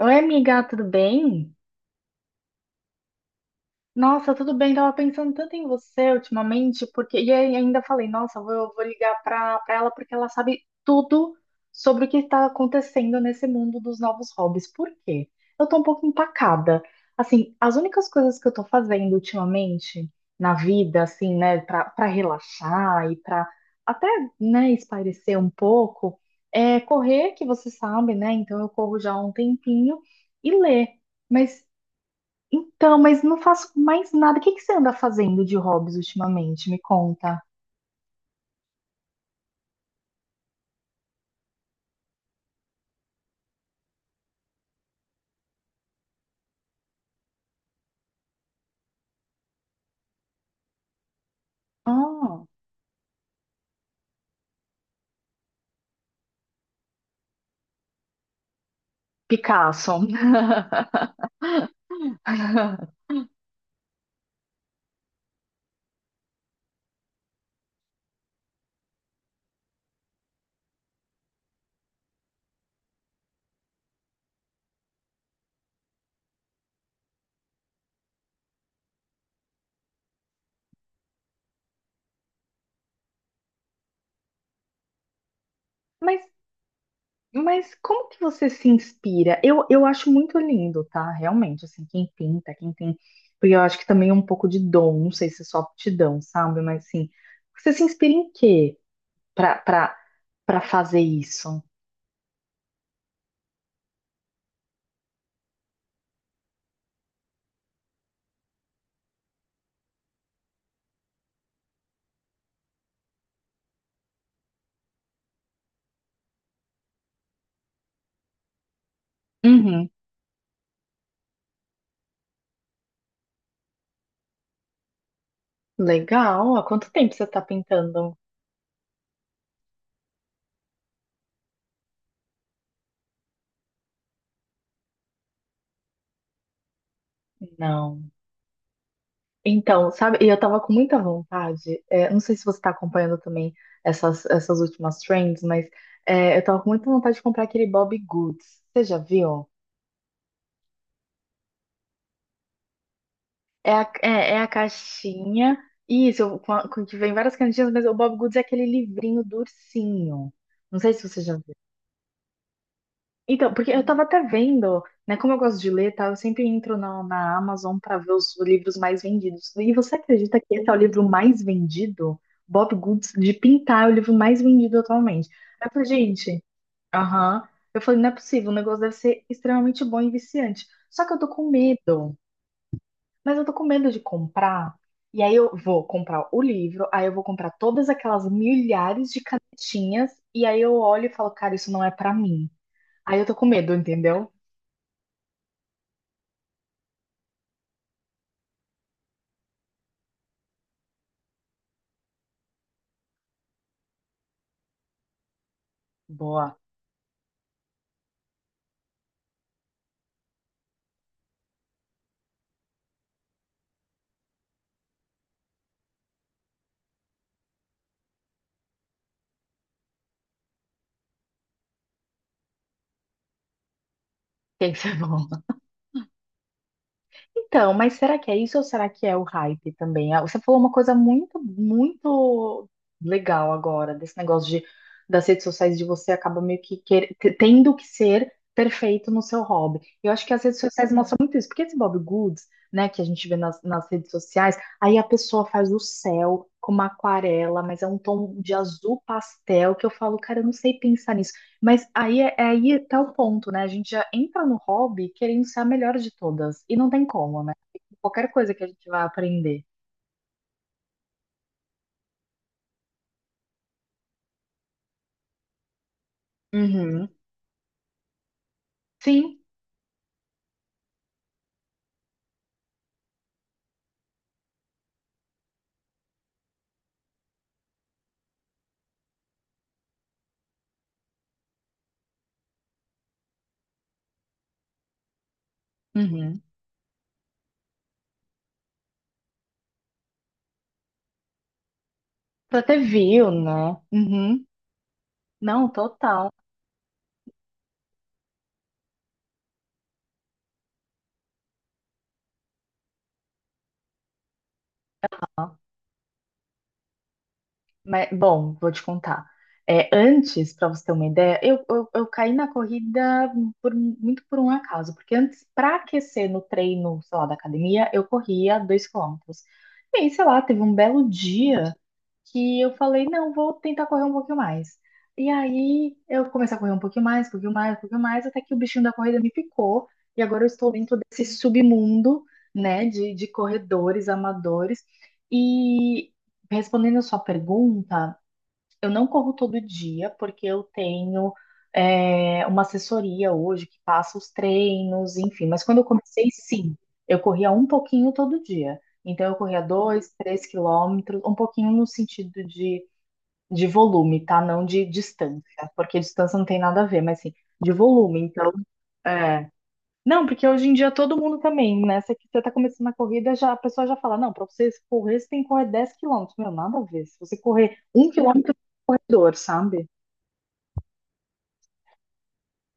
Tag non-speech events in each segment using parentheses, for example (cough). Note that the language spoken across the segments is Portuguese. Oi, amiga, tudo bem? Nossa, tudo bem. Tava pensando tanto em você ultimamente, porque e aí ainda falei, nossa, vou ligar pra ela porque ela sabe tudo sobre o que está acontecendo nesse mundo dos novos hobbies. Por quê? Eu tô um pouco empacada. Assim, as únicas coisas que eu tô fazendo ultimamente na vida, assim, né, pra relaxar e pra até, né, espairecer um pouco, é correr, que você sabe, né? Então eu corro já há um tempinho e ler. Mas então, mas não faço mais nada. O que que você anda fazendo de hobbies ultimamente? Me conta. Ah, Picasso. (laughs) Mas, mas como que você se inspira? Eu acho muito lindo, tá? Realmente, assim, quem pinta, quem tem. Porque eu acho que também é um pouco de dom, não sei se é só aptidão, sabe? Mas assim, você se inspira em quê pra, pra, pra fazer isso? Uhum. Legal. Há quanto tempo você tá pintando? Não. Então, sabe, e eu tava com muita vontade, não sei se você tá acompanhando também essas últimas trends, mas eu tava com muita vontade de comprar aquele Bobbie Goods. Você já viu? É a caixinha, isso, com que vem várias canetinhas, mas o Bobbie Goods é aquele livrinho do ursinho. Não sei se você já viu. Então, porque eu tava até vendo, né? Como eu gosto de ler, tá? Eu sempre entro na Amazon pra ver os livros mais vendidos. E você acredita que esse é o livro mais vendido? Bob Goods de Pintar é o livro mais vendido atualmente. Aí eu falei, gente, aham. Eu falei, não é possível, o negócio deve ser extremamente bom e viciante. Só que eu tô com medo. Mas eu tô com medo de comprar. E aí eu vou comprar o livro, aí eu vou comprar todas aquelas milhares de canetinhas, e aí eu olho e falo, cara, isso não é pra mim. Aí eu tô com medo, entendeu? Boa, (laughs) tem que ser bom. Então, mas será que é isso ou será que é o hype também? Ah, você falou uma coisa muito, muito legal agora, desse negócio de, das redes sociais, de você acaba meio que tendo que ser perfeito no seu hobby. Eu acho que as redes sociais mostram muito isso, porque esse Bob Goods, né, que a gente vê nas redes sociais, aí a pessoa faz o céu com uma aquarela, mas é um tom de azul pastel que eu falo, cara, eu não sei pensar nisso. Mas aí, é aí tá o ponto, né? A gente já entra no hobby querendo ser a melhor de todas. E não tem como, né? Qualquer coisa que a gente vai aprender. Uhum. Sim. Uhum. Pra ter view, né? Uhum. Não, total. Mas, bom, vou te contar. É, antes, para você ter uma ideia, eu caí na corrida muito por um acaso, porque antes, para aquecer no treino, sei lá, da academia, eu corria 2 km. E aí, sei lá, teve um belo dia que eu falei, não, vou tentar correr um pouquinho mais. E aí eu comecei a correr um pouquinho mais, um pouquinho mais, um pouquinho mais, até que o bichinho da corrida me picou, e agora eu estou dentro desse submundo, né, de corredores amadores. E respondendo a sua pergunta, eu não corro todo dia, porque eu tenho uma assessoria hoje que passa os treinos, enfim. Mas quando eu comecei, sim, eu corria um pouquinho todo dia. Então, eu corria 2, 3 km, um pouquinho no sentido de, volume, tá? Não de distância, porque distância não tem nada a ver, mas sim, de volume. Então, é. Não, porque hoje em dia todo mundo também, né? Você tá começando a corrida, já, a pessoa já fala, não, pra você correr, você tem que correr 10 km. Meu, nada a ver. Se você correr 1 km, é dor, sabe?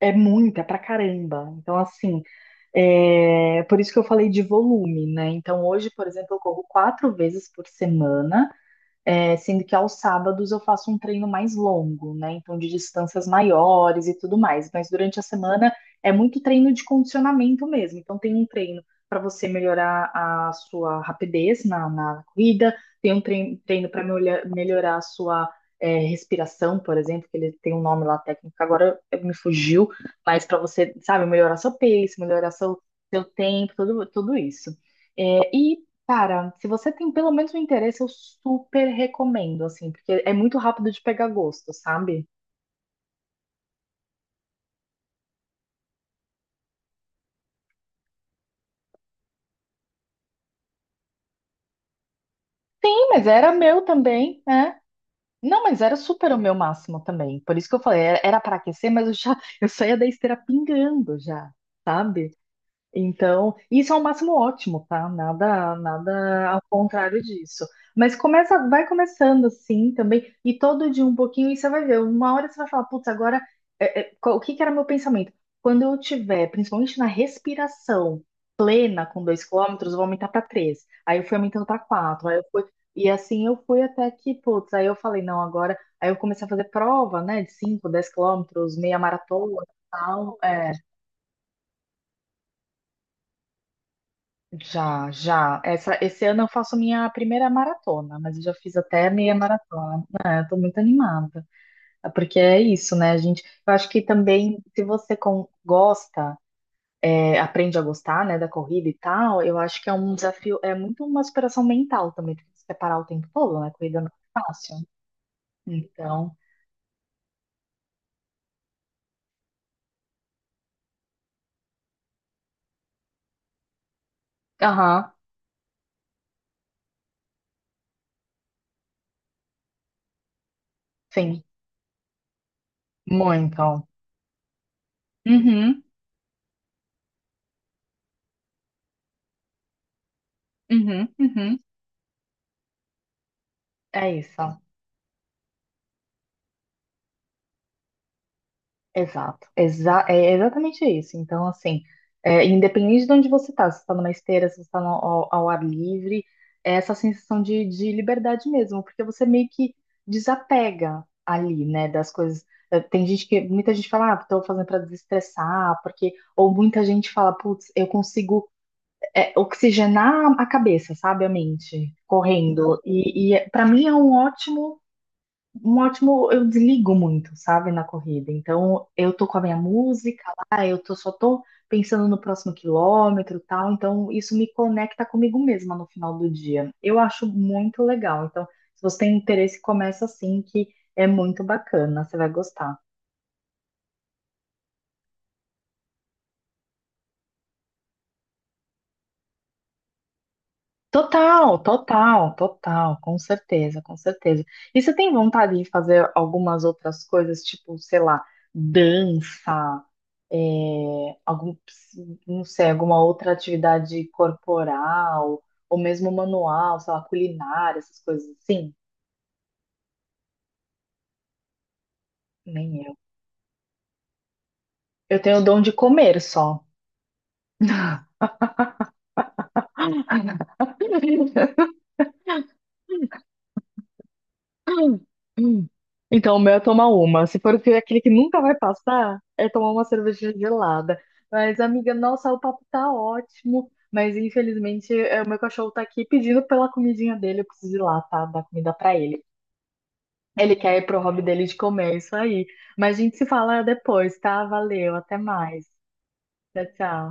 É muita pra caramba. Então, assim, é por isso que eu falei de volume, né? Então, hoje, por exemplo, eu corro quatro vezes por semana. É, sendo que aos sábados eu faço um treino mais longo, né? Então, de distâncias maiores e tudo mais. Mas durante a semana é muito treino de condicionamento mesmo. Então, tem um treino para você melhorar a sua rapidez na corrida, tem um treino, para melhorar a sua respiração, por exemplo, que ele tem um nome lá técnico, que agora me fugiu, mas para você, sabe, melhorar seu pace, melhorar seu tempo, tudo isso. É, e Cara, se você tem pelo menos um interesse, eu super recomendo, assim, porque é muito rápido de pegar gosto, sabe? Sim, mas era meu também, né? Não, mas era super o meu máximo também. Por isso que eu falei, era para aquecer, mas eu já, (laughs) eu saía da esteira pingando já, sabe? Então, isso é o máximo ótimo, tá? Nada, nada ao contrário disso. Mas começa, vai começando assim também, e todo dia um pouquinho, e você vai ver. Uma hora você vai falar, putz, agora, o que que era meu pensamento? Quando eu tiver, principalmente na respiração plena com 2 km, eu vou aumentar para três. Aí eu fui aumentando para quatro, aí eu fui. E assim eu fui até que, putz, aí eu falei, não, agora. Aí eu comecei a fazer prova, né, de 5, 10 km, meia maratona e tal. Já, já. Esse ano eu faço minha primeira maratona, mas eu já fiz até meia maratona. É, eu tô muito animada. Porque é isso, né, gente? Eu acho que também, se você gosta, aprende a gostar, né, da corrida e tal, eu acho que é um desafio, é muito uma superação mental também, porque você parar o tempo todo, né? Corrida não é fácil. Então, aham, sim, muito. Uhum, uhum, uhum. É isso. Exato, exatamente isso. Então, assim, independente de onde você está, se você está numa esteira, se você está ao ar livre, é essa sensação de, liberdade mesmo, porque você meio que desapega ali, né, das coisas. Tem gente que, muita gente fala, ah, estou fazendo para desestressar, porque, ou muita gente fala, putz, eu consigo oxigenar a cabeça, sabe, a mente, correndo. E para mim é um ótimo eu desligo muito, sabe, na corrida. Então, eu tô com a minha música lá, só tô pensando no próximo quilômetro, e tal. Então, isso me conecta comigo mesma no final do dia. Eu acho muito legal. Então, se você tem interesse, começa assim, que é muito bacana, você vai gostar. Total, total, total, com certeza, com certeza. E você tem vontade de fazer algumas outras coisas, tipo, sei lá, dança? é, algum, não sei, alguma outra atividade corporal, ou mesmo manual, sei lá, culinária, essas coisas assim? Nem eu. Eu tenho o dom de comer só. (laughs) Então, o meu é tomar uma. Se for aquele que nunca vai passar, é tomar uma cerveja gelada. Mas, amiga, nossa, o papo tá ótimo. Mas, infelizmente, o meu cachorro tá aqui pedindo pela comidinha dele. Eu preciso ir lá, tá? Dar comida pra ele. Ele quer ir pro hobby dele de comer, isso aí. Mas a gente se fala depois, tá? Valeu, até mais. Tchau, tchau.